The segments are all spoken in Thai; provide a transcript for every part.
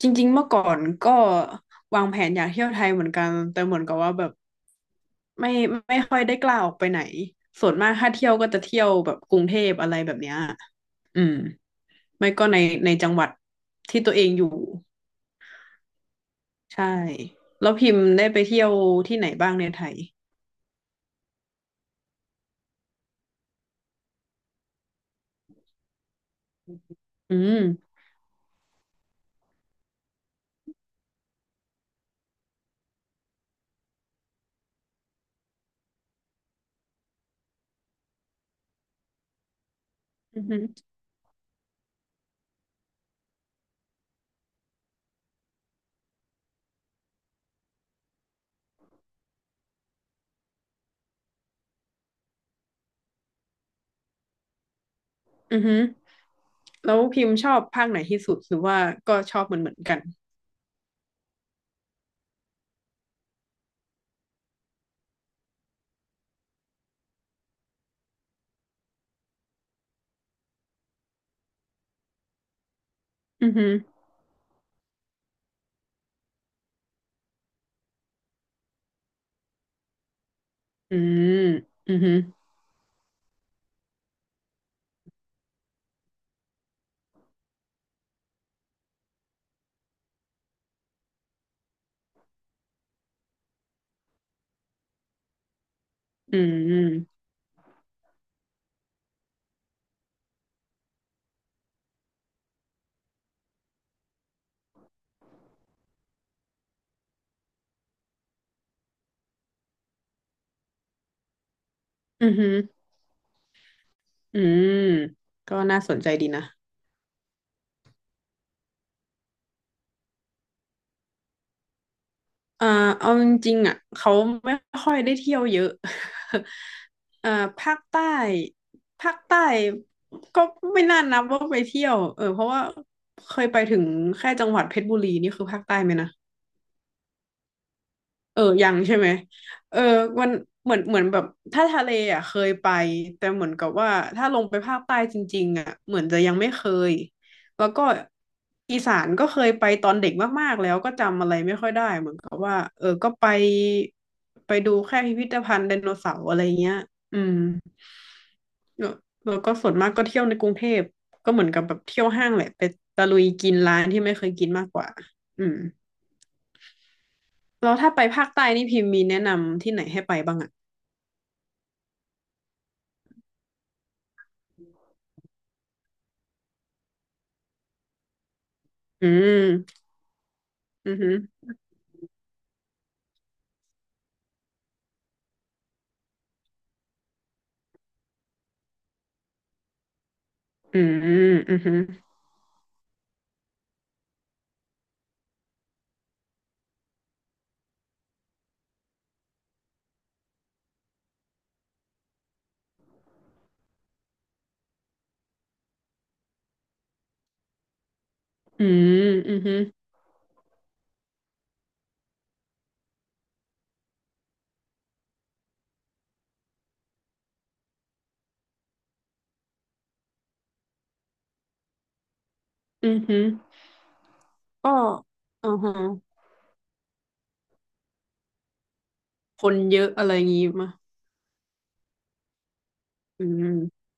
จริงๆเมื่อก่อนก็วางแผนอยากเที่ยวไทยเหมือนกัน แต่เหมือนกับว่าแบบไม่ไม่ค่อยได้กล้าออกไปไหนส่วนมากถ้าเที่ยวก็จะเที่ยวแบบกรุงเทพอะไรแบบเนี้ยอืมไม่ก็ในจังหวัดที่ตัวเองอยู่ใช่แล้วพิมพ์ได้ไปเที่ยวที่ไหนบ้างในไทยอืมอือฮึอือฮึแล้วพิมพ์ชอบภาคไหนที่สุดหรือว่าก็ชอบเหมือนกันอือฮึอืมอือฮึอืมอือฮึอืมก็น่าสนใจดีนะ อ่าเอาจริงๆอ่ะเขาไม่ค่อยได้เที่ยวเยอะ อ่าภาคใต้ภาคใต้ก็ไม่น่านับว่าไปเที่ยวเออเพราะว่าเคยไปถึงแค่จังหวัดเพชรบุรีนี่คือภาคใต้ไหมนะ เออยังใช่ไหมเออมันเหมือนแบบถ้าทะเลอ่ะเคยไปแต่เหมือนกับว่าถ้าลงไปภาคใต้จริงๆอ่ะเหมือนจะยังไม่เคยแล้วก็อีสานก็เคยไปตอนเด็กมากๆแล้วก็จำอะไรไม่ค่อยได้เหมือนกับว่าเออก็ไปดูแค่พิพิธภัณฑ์ไดโนเสาร์อะไรเงี้ยอืมแล้วแล้วก็ส่วนมากก็เที่ยวในกรุงเทพก็เหมือนกับแบบเที่ยวห้างแหละไปตะลุยกินร้านที่ไม่เคยกินมากกว่าอืมแล้วถ้าไปภาคใต้นี่พิมพ์มีแนะนำที่ไหนให้ไปบ้างอะ อืมอือหืออืมอือหืออืมอือหืออือหือก็อ่าฮะคนเยอะอะไรงี้มาอืม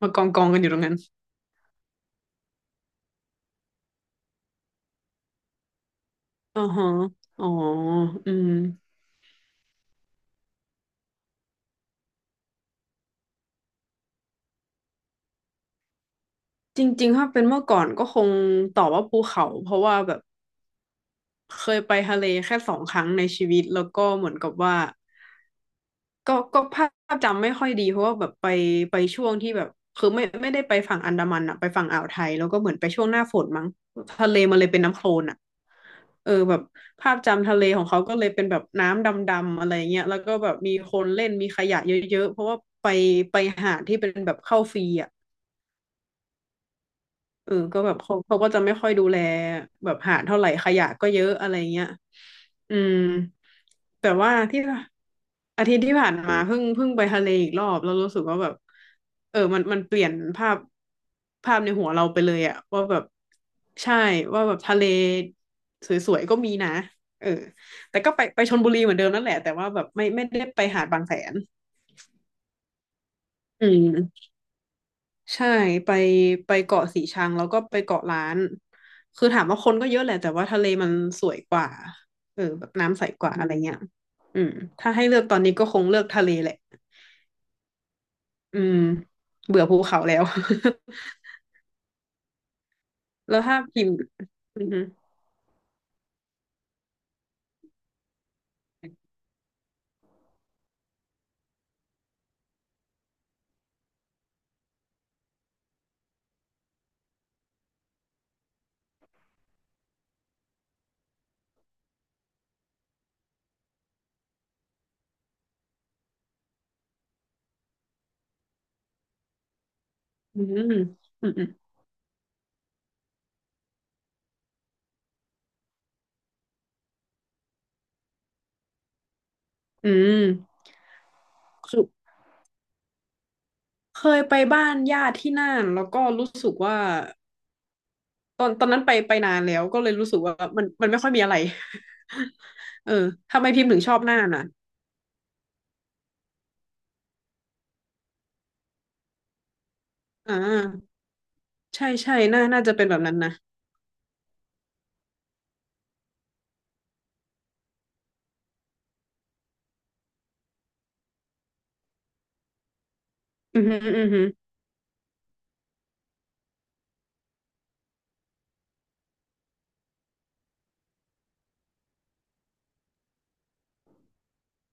มากองกองกันอยู่ตรงนั้นอืมฮะอ๋ออืมจริงๆถ้าเป็นเมื่อก่อนก็คงตอบว่าภูเขาเพราะว่าแบบเคยไปทะเลแค่สองครั้งในชีวิตแล้วก็เหมือนกับว่า ก็ภาพจำไม่ค่อยดีเพราะว่าแบบไปช่วงที่แบบคือไม่ได้ไปฝั่งอันดามันอะไปฝั่งอ่าวไทยแล้วก็เหมือนไปช่วงหน้าฝนมั้งทะเลมันเลยเป็นน้ำโคลนอะเออแบบภาพจำทะเลของเขาก็เลยเป็นแบบน้ำดำๆอะไรเงี้ยแล้วก็แบบมีคนเล่นมีขยะเยอะๆเพราะว่าไปไปหาดที่เป็นแบบเข้าฟรีอะ เออก็แบบเขาก็จะไม่ค่อยดูแลแบบหาดเท่าไหร่ขยะก็เยอะอะไรเงี้ยอืมแต่ว่าที่อาทิตย์ที่ผ่านมาเพิ่งไปทะเลอีกรอบแล้วรู้สึกว่าแบบเออมันเปลี่ยนภาพในหัวเราไปเลยอะว่าแบบใช่ว่าแบบทะเลสวยๆก็มีนะเออแต่ก็ไปชลบุรีเหมือนเดิมนั่นแหละแต่ว่าแบบไม่ได้ไปหาดบางแสนอืม ใช่ไปไปเกาะสีชังแล้วก็ไปเกาะล้านคือถามว่าคนก็เยอะแหละแต่ว่าทะเลมันสวยกว่าเออแบบน้ำใสกว่าอะไรเงี้ยอืมถ้าให้เลือกตอนนี้ก็คงเลือกทะเลแหละอืมเบื่อภูเขาแล้ว แล้วถ้าพิมพ์อืมอืมอืมอืมอืมคือเคยไปบ้านญาติที่น่านแล้วก็รู้สึกว่าตอนนั้นไปนานแล้วก็เลยรู้สึกว่ามันไม่ค่อยมีอะไร เออทำไมพิมพ์ถึงชอบน่านอ่ะอ่า ใช่ใช่น่าจะเป็นแบบนั้นนะอือหืออือหือ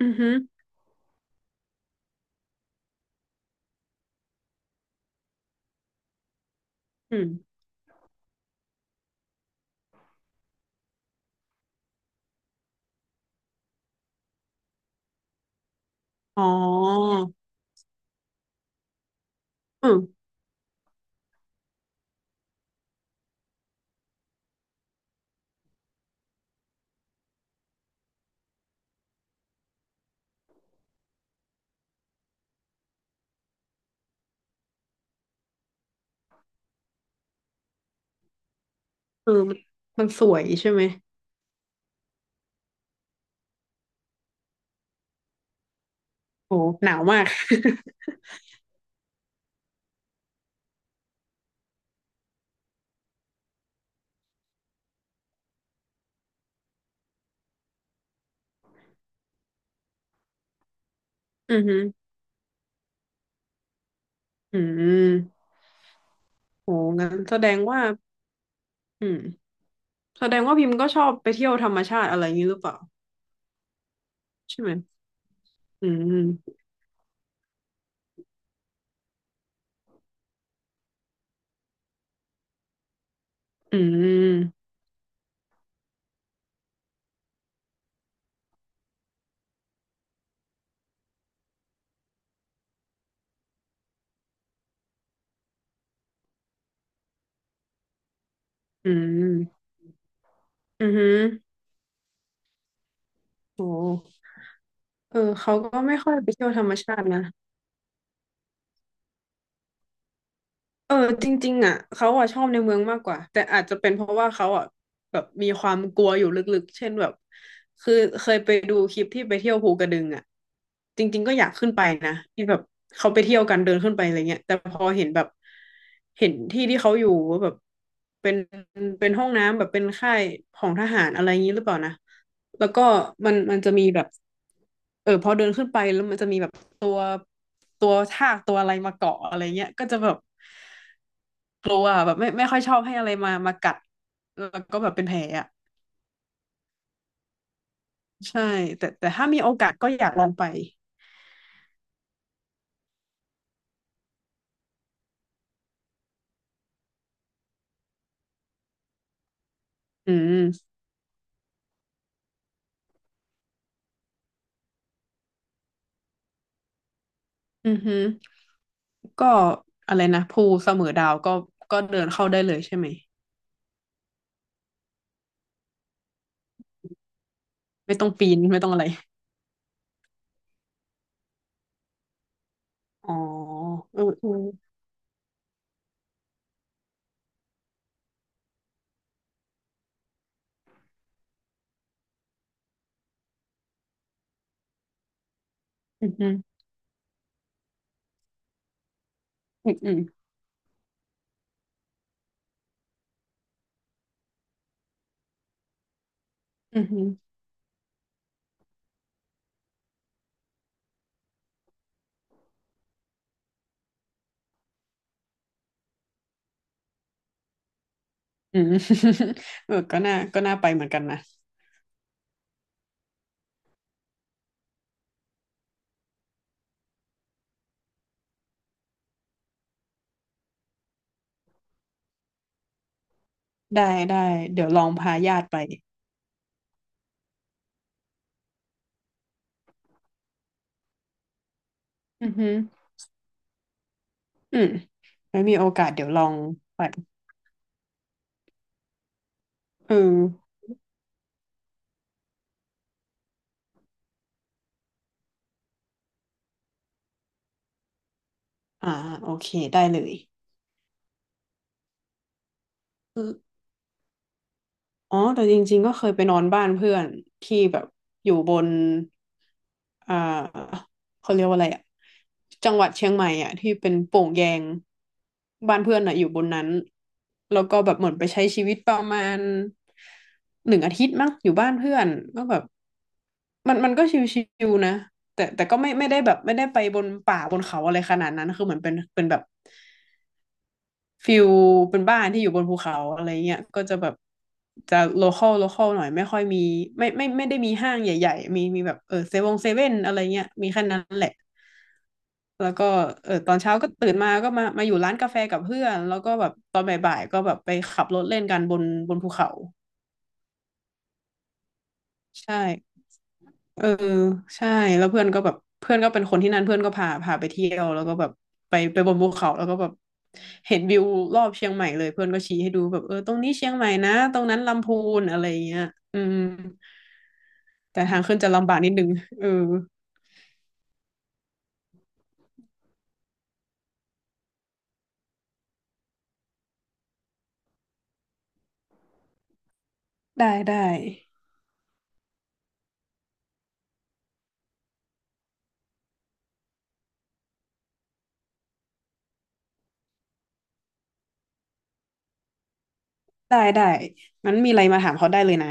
อือหืออืมอ๋อเออเออมันสวยใช่ไหมโอ้หนาวมาก อือหืออืมโอ้งั้นแสดงว่าอืมแสดงว่าพิมพ์ก็ชอบไปเที่ยวธรรมชาติอะไรอย่างนี้หรือเปล่าใช่ไหมอืมอืมอืมอือหือโอ้เออเขาก็ไม่ค่อยไปเที่ยวธรรมชาตินะ เออจริงๆอ่ะเขาอ่ะชอบในเมืองมากกว่าแต่อาจจะเป็นเพราะว่าเขาอ่ะแบบมีความกลัวอยู่ลึกๆเช่นแบบคือเคยไปดูคลิปที่ไปเที่ยวภูกระดึงอ่ะจริงๆก็อยากขึ้นไปนะที่แบบเขาไปเที่ยวกันเดินขึ้นไปอะไรเงี้ยแต่พอเห็นแบบเห็นที่ที่เขาอยู่ว่าแบบเป็นเป็นห้องน้ำแบบเป็นค่ายของทหารอะไรอย่างนี้หรือเปล่านะแล้วก็มันจะมีแบบเออพอเดินขึ้นไปแล้วมันจะมีแบบตัวตัวทากตัวอะไรมาเกาะอะไรเงี้ยก็จะแบบ กลัวอะแบบไม่ค่อยชอบให้อะไรมามากัดแล้วก็แบบเป็นแผลอ่ะใช่แต่ถ้ามีโอกาสก็อยากลองไปอืมอือฮึก็อะไรนะภูเสมอดาวก็ก็เดินเข้าได้เลยใช่ไหมไม่ต้องปีนไม่ต้องอะไรอ๋ออืออืออือฮึอืออืออือฮึอือ เออก็น่าก็น่าไปเหมือนกันนะได้ได้เดี๋ยวลองพาญาติไปอือฮึอืมไม่มีโอกาสเดี๋ยวลองไปเออ อ่าโอเคได้เลยอ๋อแต่จริงๆก็เคยไปนอนบ้านเพื่อนที่แบบอยู่บนอ่าเขาเรียกว่าอะไรอะจังหวัดเชียงใหม่อะที่เป็นโป่งแยงบ้านเพื่อนอะอยู่บนนั้นแล้วก็แบบเหมือนไปใช้ชีวิตประมาณหนึ่งอาทิตย์มั้งอยู่บ้านเพื่อนก็แบบมันมันก็ชิวๆนะแต่แต่ก็ไม่ไม่ได้แบบไม่ได้ไปบนป่าบนเขาอะไรขนาดนั้นคือเหมือนเป็นเป็นแบบ ฟิลเป็นบ้านที่อยู่บนภูเขาอะไรเงี้ยก็จะแบบจะโลคอลโลคอลหน่อยไม่ค่อยมีไม่ได้มีห้างใหญ่ๆมีแบบเออเซเว่นเซเว่นอะไรเงี้ยมีแค่นั้นแหละแล้วก็เออตอนเช้าก็ตื่นมาก็มาอยู่ร้านกาแฟกับเพื่อนแล้วก็แบบตอนบ่ายๆก็แบบไปขับรถเล่นกันบนภูเขาใช่ เออใช่แล้วเพื่อนก็แบบเพื่อนก็เป็นคนที่นั่นเพื่อนก็พาไปเที่ยวแล้วก็แบบไปบนภูเขาแล้วก็แบบเห็นวิวรอบเชียงใหม่เลยเพื่อนก็ชี้ให้ดูแบบเออตรงนี้เชียงใหม่นะตรงนั้นลำพูนอะไรอย่างเงี้ยอืมแต่ทางขึ้นจะลำบากนิดนึงเออได้ได้ได้ได้งั้นมีอะไรมาถามเขาได้เลยนะ